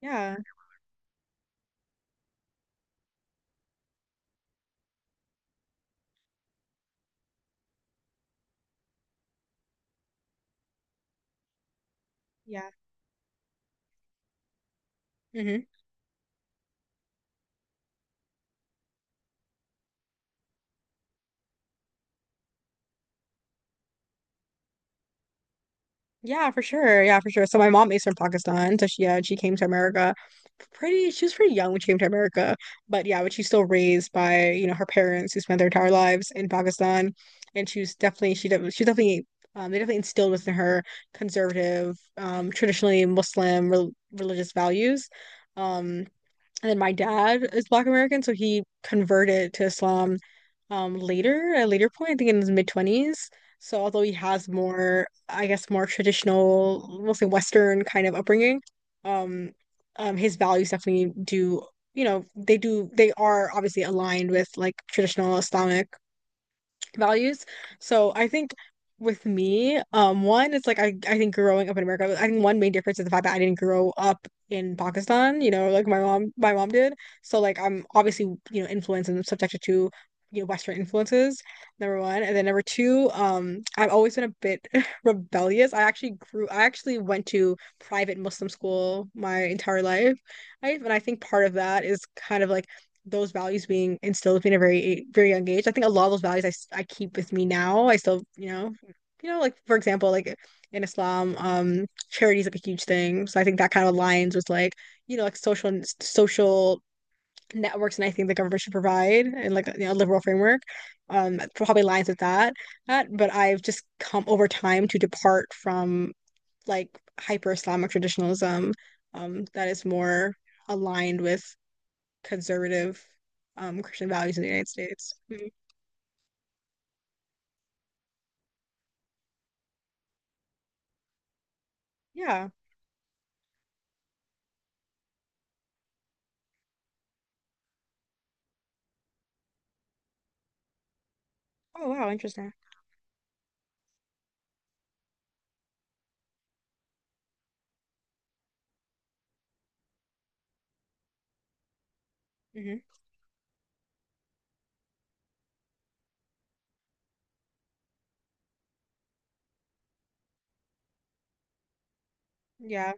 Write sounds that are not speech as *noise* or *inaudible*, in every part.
Yeah, yeah. Hmm. Yeah, for sure. Yeah, for sure. So my mom is from Pakistan, so she came to America pretty she was pretty young when she came to America. But yeah, but she's still raised by, you know, her parents who spent their entire lives in Pakistan. And she was definitely she def she definitely they definitely instilled within her conservative, traditionally Muslim religious values. Um, And then my dad is Black American, so he converted to Islam at a later point, I think in his mid-20s. So although he has more, I guess, more traditional, we'll say Western kind of upbringing, um, his values definitely do, they are obviously aligned with like traditional Islamic values. So I think with me, one, it's like I think growing up in America, I think one main difference is the fact that I didn't grow up in Pakistan, you know, like my mom did. So like I'm obviously, influenced and subjected to, Western influences, number one. And then number two, I've always been a bit *laughs* rebellious. I actually went to private Muslim school my entire life. I, And I think part of that is kind of like those values being instilled with a very very young age. I think a lot of those values I keep with me now. I still, like, for example, like in Islam, charity is like a huge thing. So I think that kind of aligns with like, you know, like social networks, and I think the government should provide and, like, liberal framework. Probably aligns with that. But I've just come over time to depart from like hyper Islamic traditionalism, that is more aligned with conservative Christian values in the United States. Mm, yeah. Oh wow, interesting. Hmm. Yeah.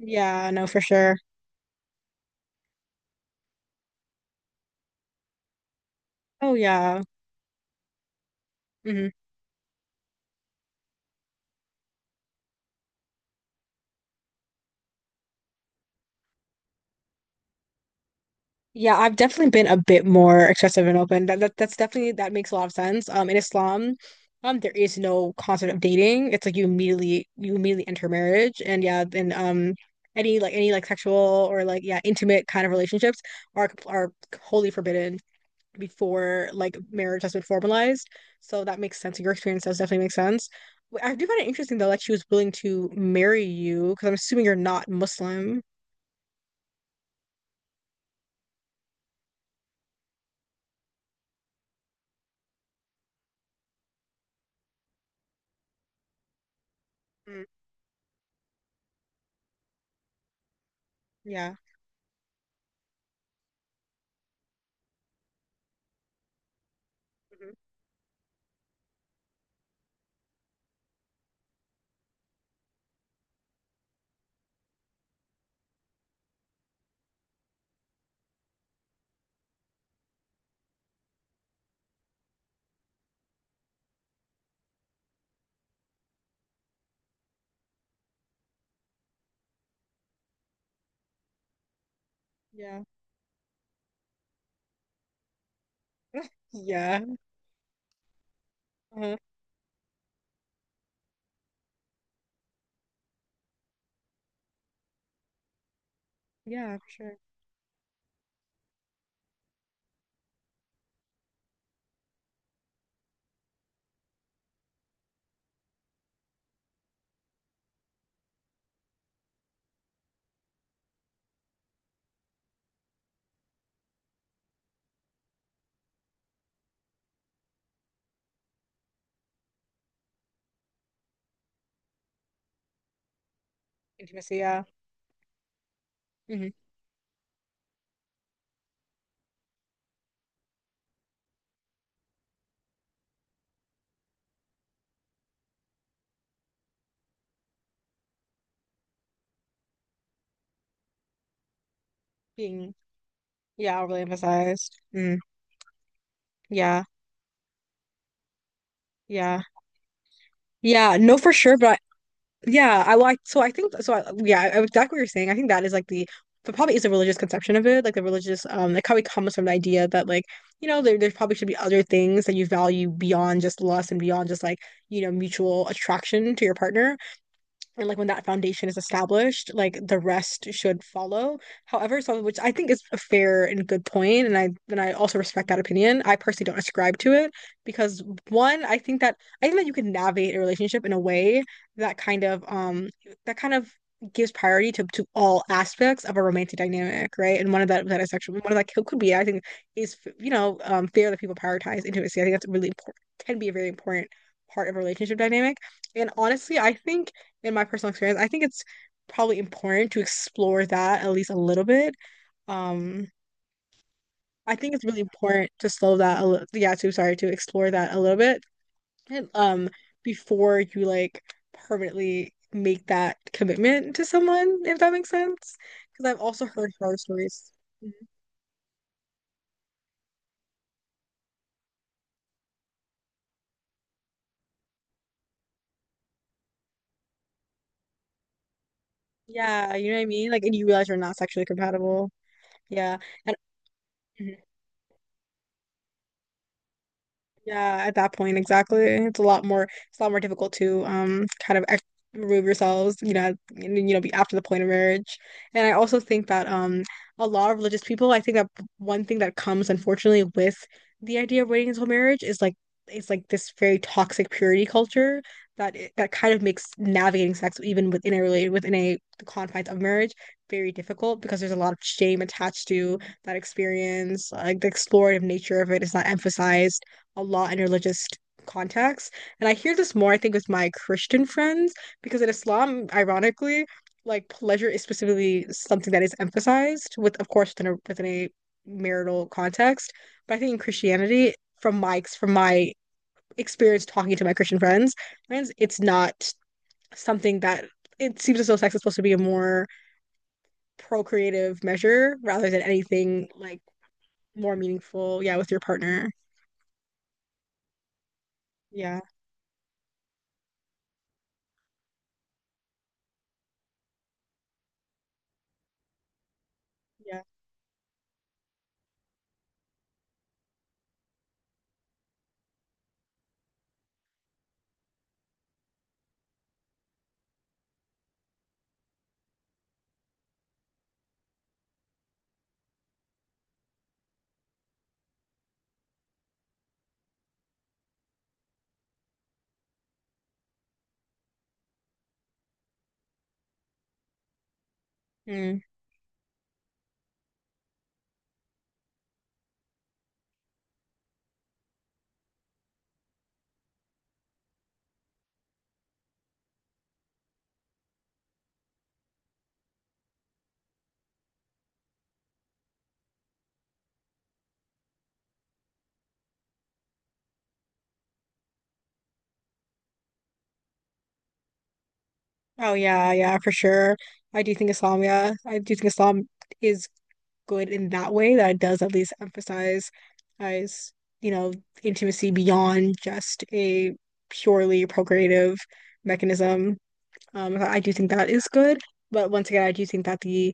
Yeah, no, for sure. Oh yeah. Hmm. Yeah, I've definitely been a bit more excessive and open. That, that that's definitely that makes a lot of sense. In Islam, there is no concept of dating. It's like you immediately enter marriage, and then any like sexual or like intimate kind of relationships are wholly forbidden before like marriage has been formalized. So that makes sense. Your experience does definitely make sense. I do find it interesting though that she was willing to marry you, because I'm assuming you're not Muslim. Mm, yeah. Mhm. Yeah. Yeah. Uh, yeah, for sure. Intimacy, yeah. Hmm. Being, yeah, overly emphasized. Mm, yeah. Yeah. Yeah. No, for sure. But Yeah, I like so I think so exactly what you're saying. I think that is like the but probably is a religious conception of it, like the religious it probably comes from the idea that, like, you know, there probably should be other things that you value beyond just lust and beyond just like, mutual attraction to your partner. And like when that foundation is established, like the rest should follow, however some, which I think is a fair and good point, and I also respect that opinion. I personally don't ascribe to it because one, I think that you can navigate a relationship in a way that kind of gives priority to all aspects of a romantic dynamic, right? And one of that could be, I think, is, fair that people prioritize intimacy. I think that's really important, can be a very important part of a relationship dynamic. And honestly, I think in my personal experience, I think it's probably important to explore that at least a little bit. Um, I think it's really important to slow that a little, yeah, to sorry, to explore that a little bit. And before you, like, permanently make that commitment to someone, if that makes sense. Because I've also heard horror stories. Mhm. Yeah, you know what I mean? Like, and you realize you're not sexually compatible. Yeah. And Yeah, at that point, exactly. It's a lot more, it's a lot more difficult to kind of ex remove yourselves, you know, and, you know, be after the point of marriage. And I also think that a lot of religious people, I think that one thing that comes unfortunately with the idea of waiting until marriage is like it's like this very toxic purity culture that it, that kind of makes navigating sex even within a the confines of marriage very difficult because there's a lot of shame attached to that experience. Like the explorative nature of it is not emphasized a lot in religious contexts. And I hear this more, I think, with my Christian friends, because in Islam, ironically, like pleasure is specifically something that is emphasized with, of course, within a marital context. But I think in Christianity, from my experience talking to my Christian friends, it's not something that it seems as though sex is supposed to be a more procreative measure rather than anything like more meaningful, yeah, with your partner. Yeah, yeah. Mm. Oh yeah, yeah, for sure. I do think Islam, yeah. I do think Islam is good in that way, that it does at least emphasize, as, you know, intimacy beyond just a purely procreative mechanism. I do think that is good. But once again, I do think that the,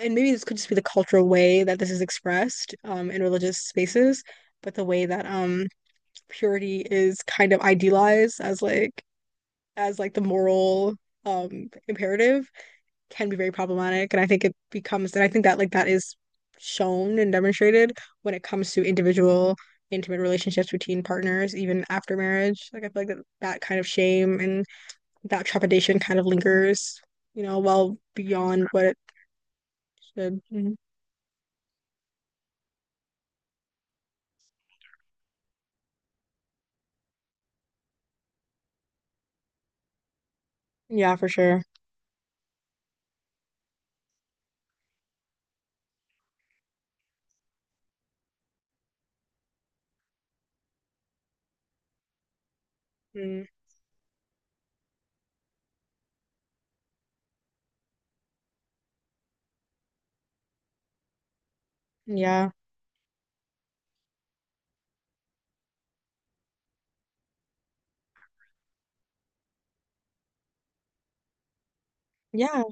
and maybe this could just be the cultural way that this is expressed, in religious spaces, but the way that purity is kind of idealized as like the moral imperative can be very problematic. And I think it becomes, and I think that like that is shown and demonstrated when it comes to individual intimate relationships between partners, even after marriage. Like I feel like that, that kind of shame and that trepidation kind of lingers, you know, well beyond what it should. Mhm. Yeah, for sure. Mm, yeah. Yeah.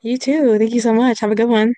You too. Thank you so much. Have a good one.